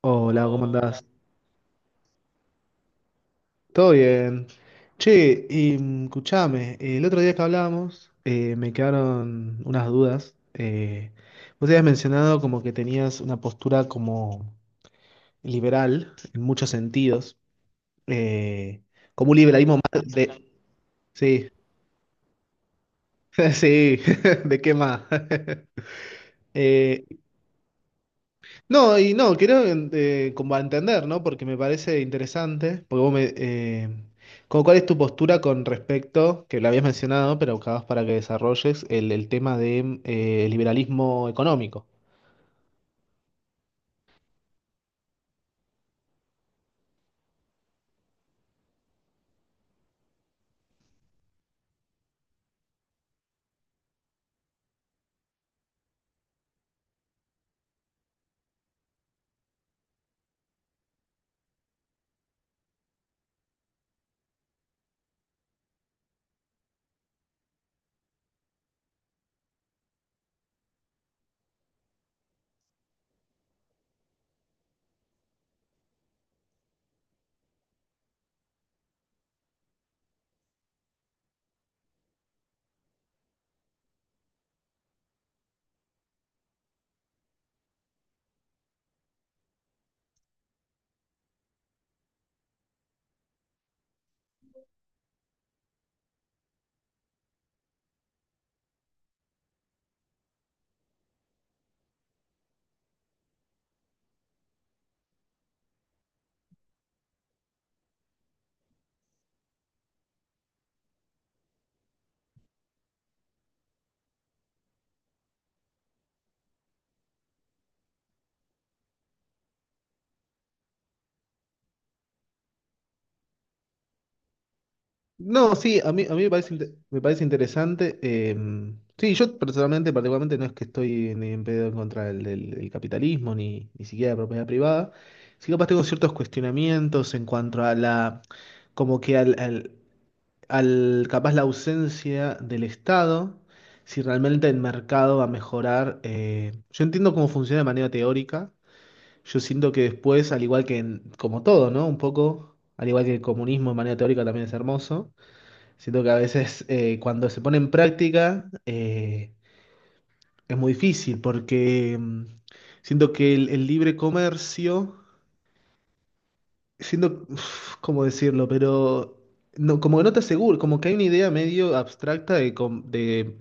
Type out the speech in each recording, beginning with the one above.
Hola, ¿cómo hola, andás? ¿Todo bien? Che, y, escuchame, el otro día que hablábamos me quedaron unas dudas. Vos habías mencionado como que tenías una postura como liberal en muchos sentidos, eh, como un liberalismo más de... Sí, sí, ¿de qué más? Eh, no, y no, quiero como entender, ¿no? Porque me parece interesante, porque vos me... como cuál es tu postura con respecto, que lo habías mencionado, pero buscabas para que desarrolles el tema de liberalismo económico. No, sí, a mí me parece, me parece interesante. Sí, yo personalmente, particularmente, no es que estoy ni en pedo en contra del capitalismo, ni, ni siquiera de la propiedad privada. Sí, capaz tengo ciertos cuestionamientos en cuanto a la, como que al capaz la ausencia del Estado, si realmente el mercado va a mejorar. Yo entiendo cómo funciona de manera teórica, yo siento que después, al igual que en- como todo, ¿no? Un poco, al igual que el comunismo de manera teórica también es hermoso, siento que a veces cuando se pone en práctica es muy difícil porque siento que el libre comercio siendo, uf, ¿cómo decirlo? Pero no, como que no te aseguro, como que hay una idea medio abstracta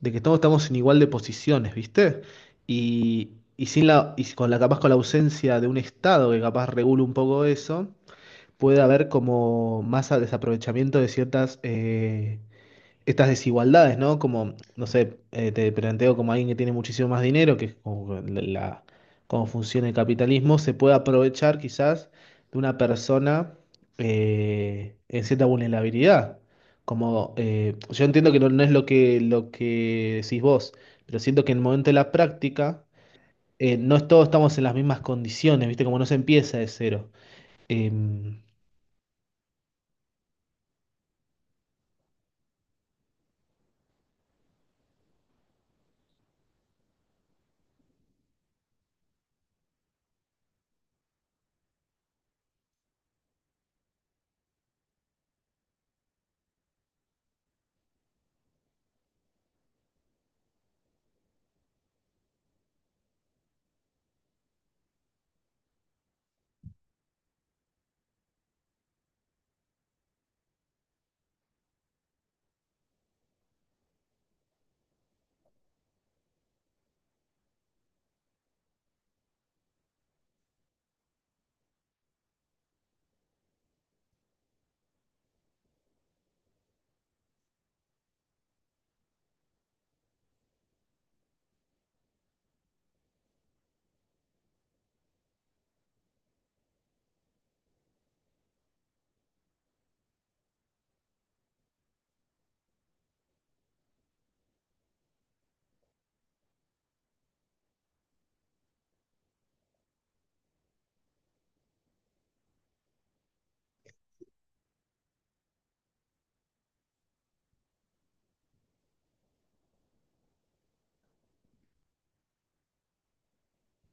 de que todos estamos en igual de posiciones, ¿viste? Y sin la, y con la, capaz con la ausencia de un Estado que capaz regule un poco eso, puede haber como más desaprovechamiento de ciertas estas desigualdades, ¿no? Como, no sé, te planteo como alguien que tiene muchísimo más dinero, que es como cómo funciona el capitalismo, se puede aprovechar quizás de una persona en cierta vulnerabilidad. Como, yo entiendo que no, no es lo que decís vos, pero siento que en el momento de la práctica, no es- todos estamos en las mismas condiciones, ¿viste? Como no se empieza de cero. Em,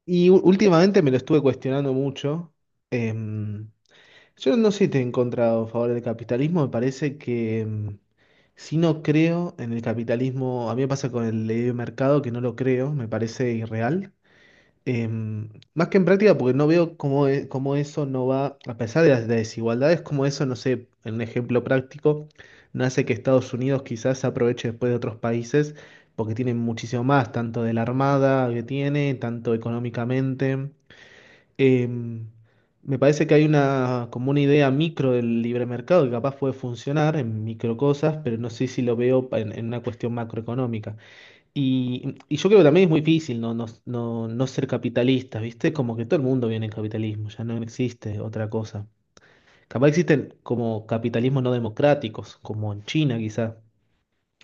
y últimamente me lo estuve cuestionando mucho. Em, yo no sé si estoy en contra o a favor del capitalismo, me parece que si no creo en el capitalismo, a mí me pasa con el libre mercado que no lo creo, me parece irreal. Em, más que en práctica, porque no veo cómo eso no va, a pesar de las desigualdades, cómo eso, no sé, en un ejemplo práctico, no hace que Estados Unidos quizás se aproveche después de otros países, porque tienen muchísimo más, tanto de la armada que tiene, tanto económicamente. Eh, me parece que hay una, como una idea micro del libre mercado que capaz puede funcionar en micro cosas, pero no sé si lo veo en una cuestión macroeconómica. Y yo creo que también es muy difícil no, no, no, no ser capitalista, ¿viste? Como que todo el mundo viene en capitalismo, ya no existe otra cosa. Capaz existen como capitalismos no democráticos, como en China quizás,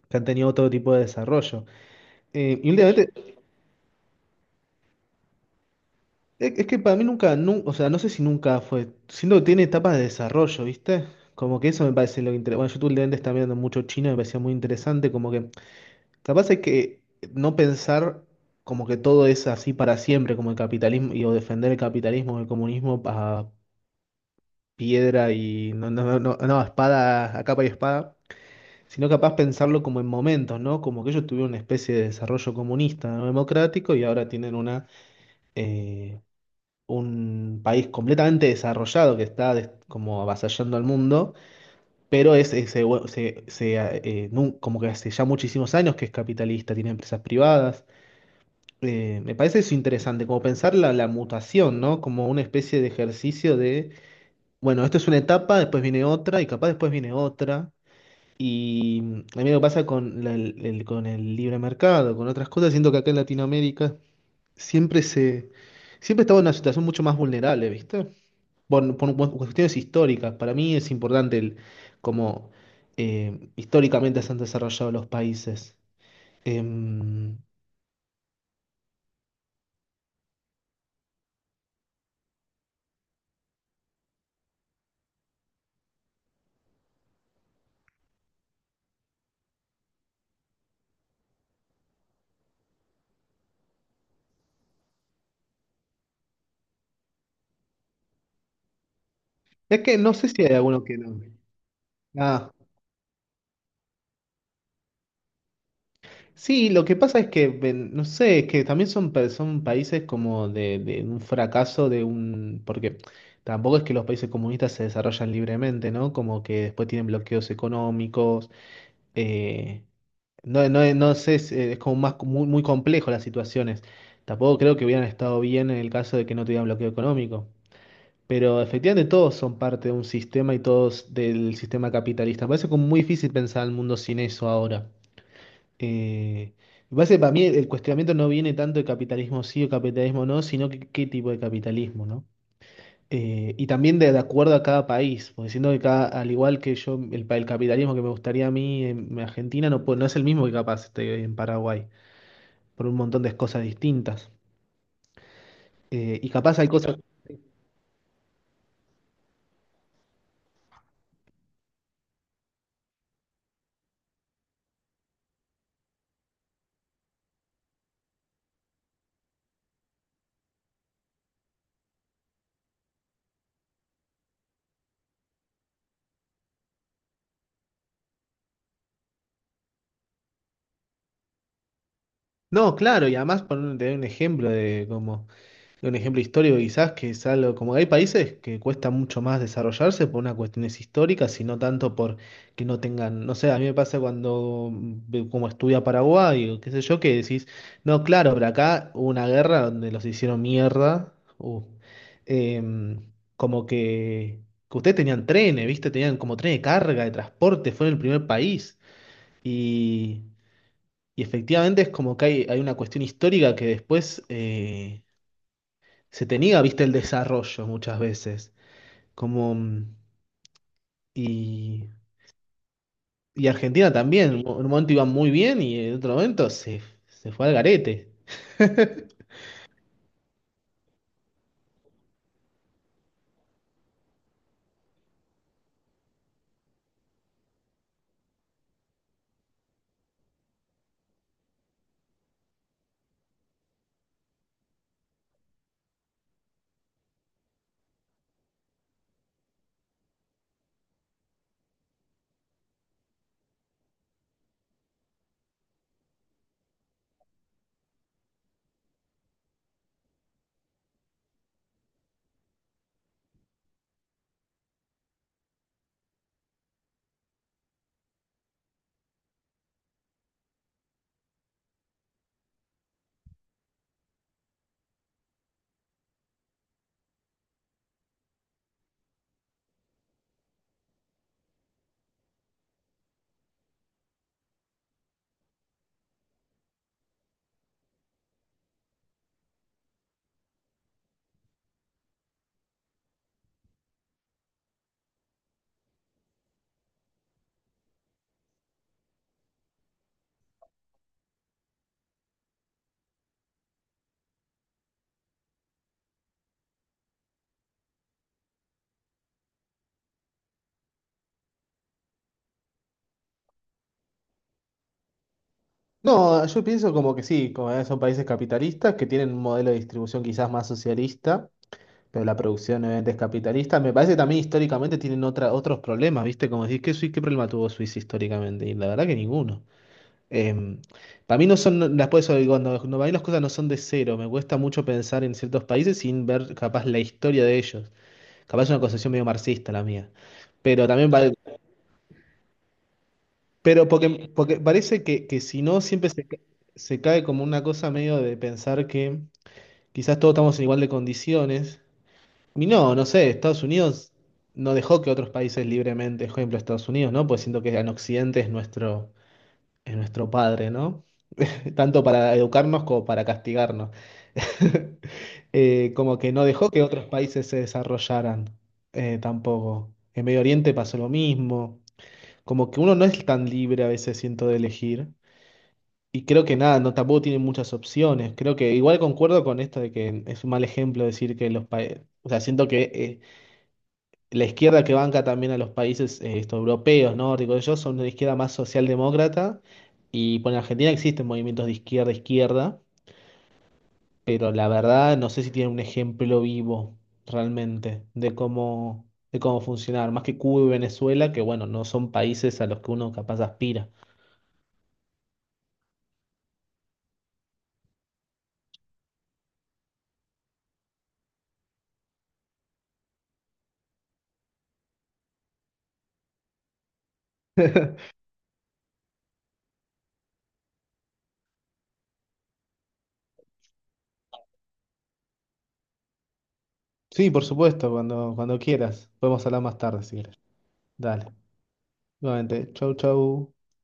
que han tenido otro tipo de desarrollo. Y últimamente es que para mí nunca, nu- o sea, no sé si nunca fue. Siento que tiene etapas de desarrollo, ¿viste? Como que eso me parece lo interesante. Bueno, yo tú últimamente estaba viendo mucho chino, me parecía muy interesante. Como que capaz hay que no pensar como que todo es así para siempre, como el capitalismo, y, o defender el capitalismo, el comunismo a piedra y no, no, no, no, no, a espada, a capa y espada, sino capaz pensarlo como en momentos, ¿no? Como que ellos tuvieron una especie de desarrollo comunista, ¿no? Democrático y ahora tienen una. Eh, un país completamente desarrollado que está como avasallando al mundo, pero es, como que hace ya muchísimos años que es capitalista, tiene empresas privadas. Me parece eso interesante, como pensar la mutación, ¿no? Como una especie de ejercicio de, bueno, esto es una etapa, después viene otra y capaz después viene otra. Y mm, a mí lo que pasa con con el libre mercado, con otras cosas, siento que acá en Latinoamérica siempre se, siempre estamos en una situación mucho más vulnerable, ¿viste? Bueno, por cuestiones históricas. Para mí es importante el, cómo históricamente se han desarrollado los países. Em, es que no sé si hay alguno que no. Ah, sí, lo que pasa es que, no sé, es que también son, son países como de un fracaso de un... Porque tampoco es que los países comunistas se desarrollan libremente, ¿no? Como que después tienen bloqueos económicos. eh, No, no, no sé, es como más muy, muy complejo las situaciones. Tampoco creo que hubieran estado bien en el caso de que no tuvieran bloqueo económico. Pero efectivamente todos son parte de un sistema y todos del sistema capitalista. Me parece como muy difícil pensar el mundo sin eso ahora. Eh, me parece que para mí el cuestionamiento no viene tanto de capitalismo sí o capitalismo no, sino que qué tipo de capitalismo, ¿no? Y también de acuerdo a cada país, porque siento que cada, al igual que yo, el, el capitalismo que me gustaría a mí en Argentina no, no es el mismo que capaz esté en Paraguay por un montón de cosas distintas. Y capaz hay cosas... No, claro, y además por un, te doy un ejemplo de como de un ejemplo histórico quizás que es algo como hay países que cuesta mucho más desarrollarse por unas cuestiones históricas y no tanto por que no tengan, no sé, a mí me pasa cuando como estudia Paraguay o qué sé yo que decís, no, claro, pero acá hubo una guerra donde los hicieron mierda, uh, em, como que ustedes tenían trenes, ¿viste? Tenían como tren de carga, de transporte, fueron el primer país. Y, y efectivamente es como que hay una cuestión histórica que después se te niega, viste, el desarrollo muchas veces. Como, mm, y, y Argentina también, en un momento iba muy bien y en otro momento se, se fue al garete. No, yo pienso como que sí, como que son países capitalistas que tienen un modelo de distribución quizás más socialista, pero la producción obviamente es capitalista. Me parece que también históricamente tienen otra, otros problemas, ¿viste? Como decís, ¿qué, qué problema tuvo Suiza históricamente? Y la verdad que ninguno. Em, para mí no son, no, las puedes cuando, cuando para mí las cosas no son de cero, me cuesta mucho pensar en ciertos países sin ver capaz la historia de ellos. Capaz es una concepción medio marxista la mía. Pero también vale, pero porque, porque parece que si no siempre se cae como una cosa medio de pensar que quizás todos estamos en igual de condiciones. Y no, no sé, Estados Unidos no dejó que otros países libremente, por ejemplo, Estados Unidos, ¿no? Pues siento que en Occidente es nuestro padre, ¿no? Tanto para educarnos como para castigarnos. Como que no dejó que otros países se desarrollaran tampoco. En Medio Oriente pasó lo mismo. Como que uno no es tan libre a veces, siento, de elegir. Y creo que nada, no tampoco tiene muchas opciones. Creo que igual concuerdo con esto de que es un mal ejemplo decir que los países. O sea, siento que la izquierda que banca también a los países estos europeos, nórdicos, ellos son una izquierda más socialdemócrata. Y bueno, en Argentina existen movimientos de izquierda a izquierda. Pero la verdad no sé si tiene un ejemplo vivo realmente de cómo funcionar, más que Cuba y Venezuela, que bueno, no son países a los que uno capaz aspira. Sí, por supuesto, cuando, cuando quieras. Podemos hablar más tarde si quieres. Dale. Nuevamente, chau, chau.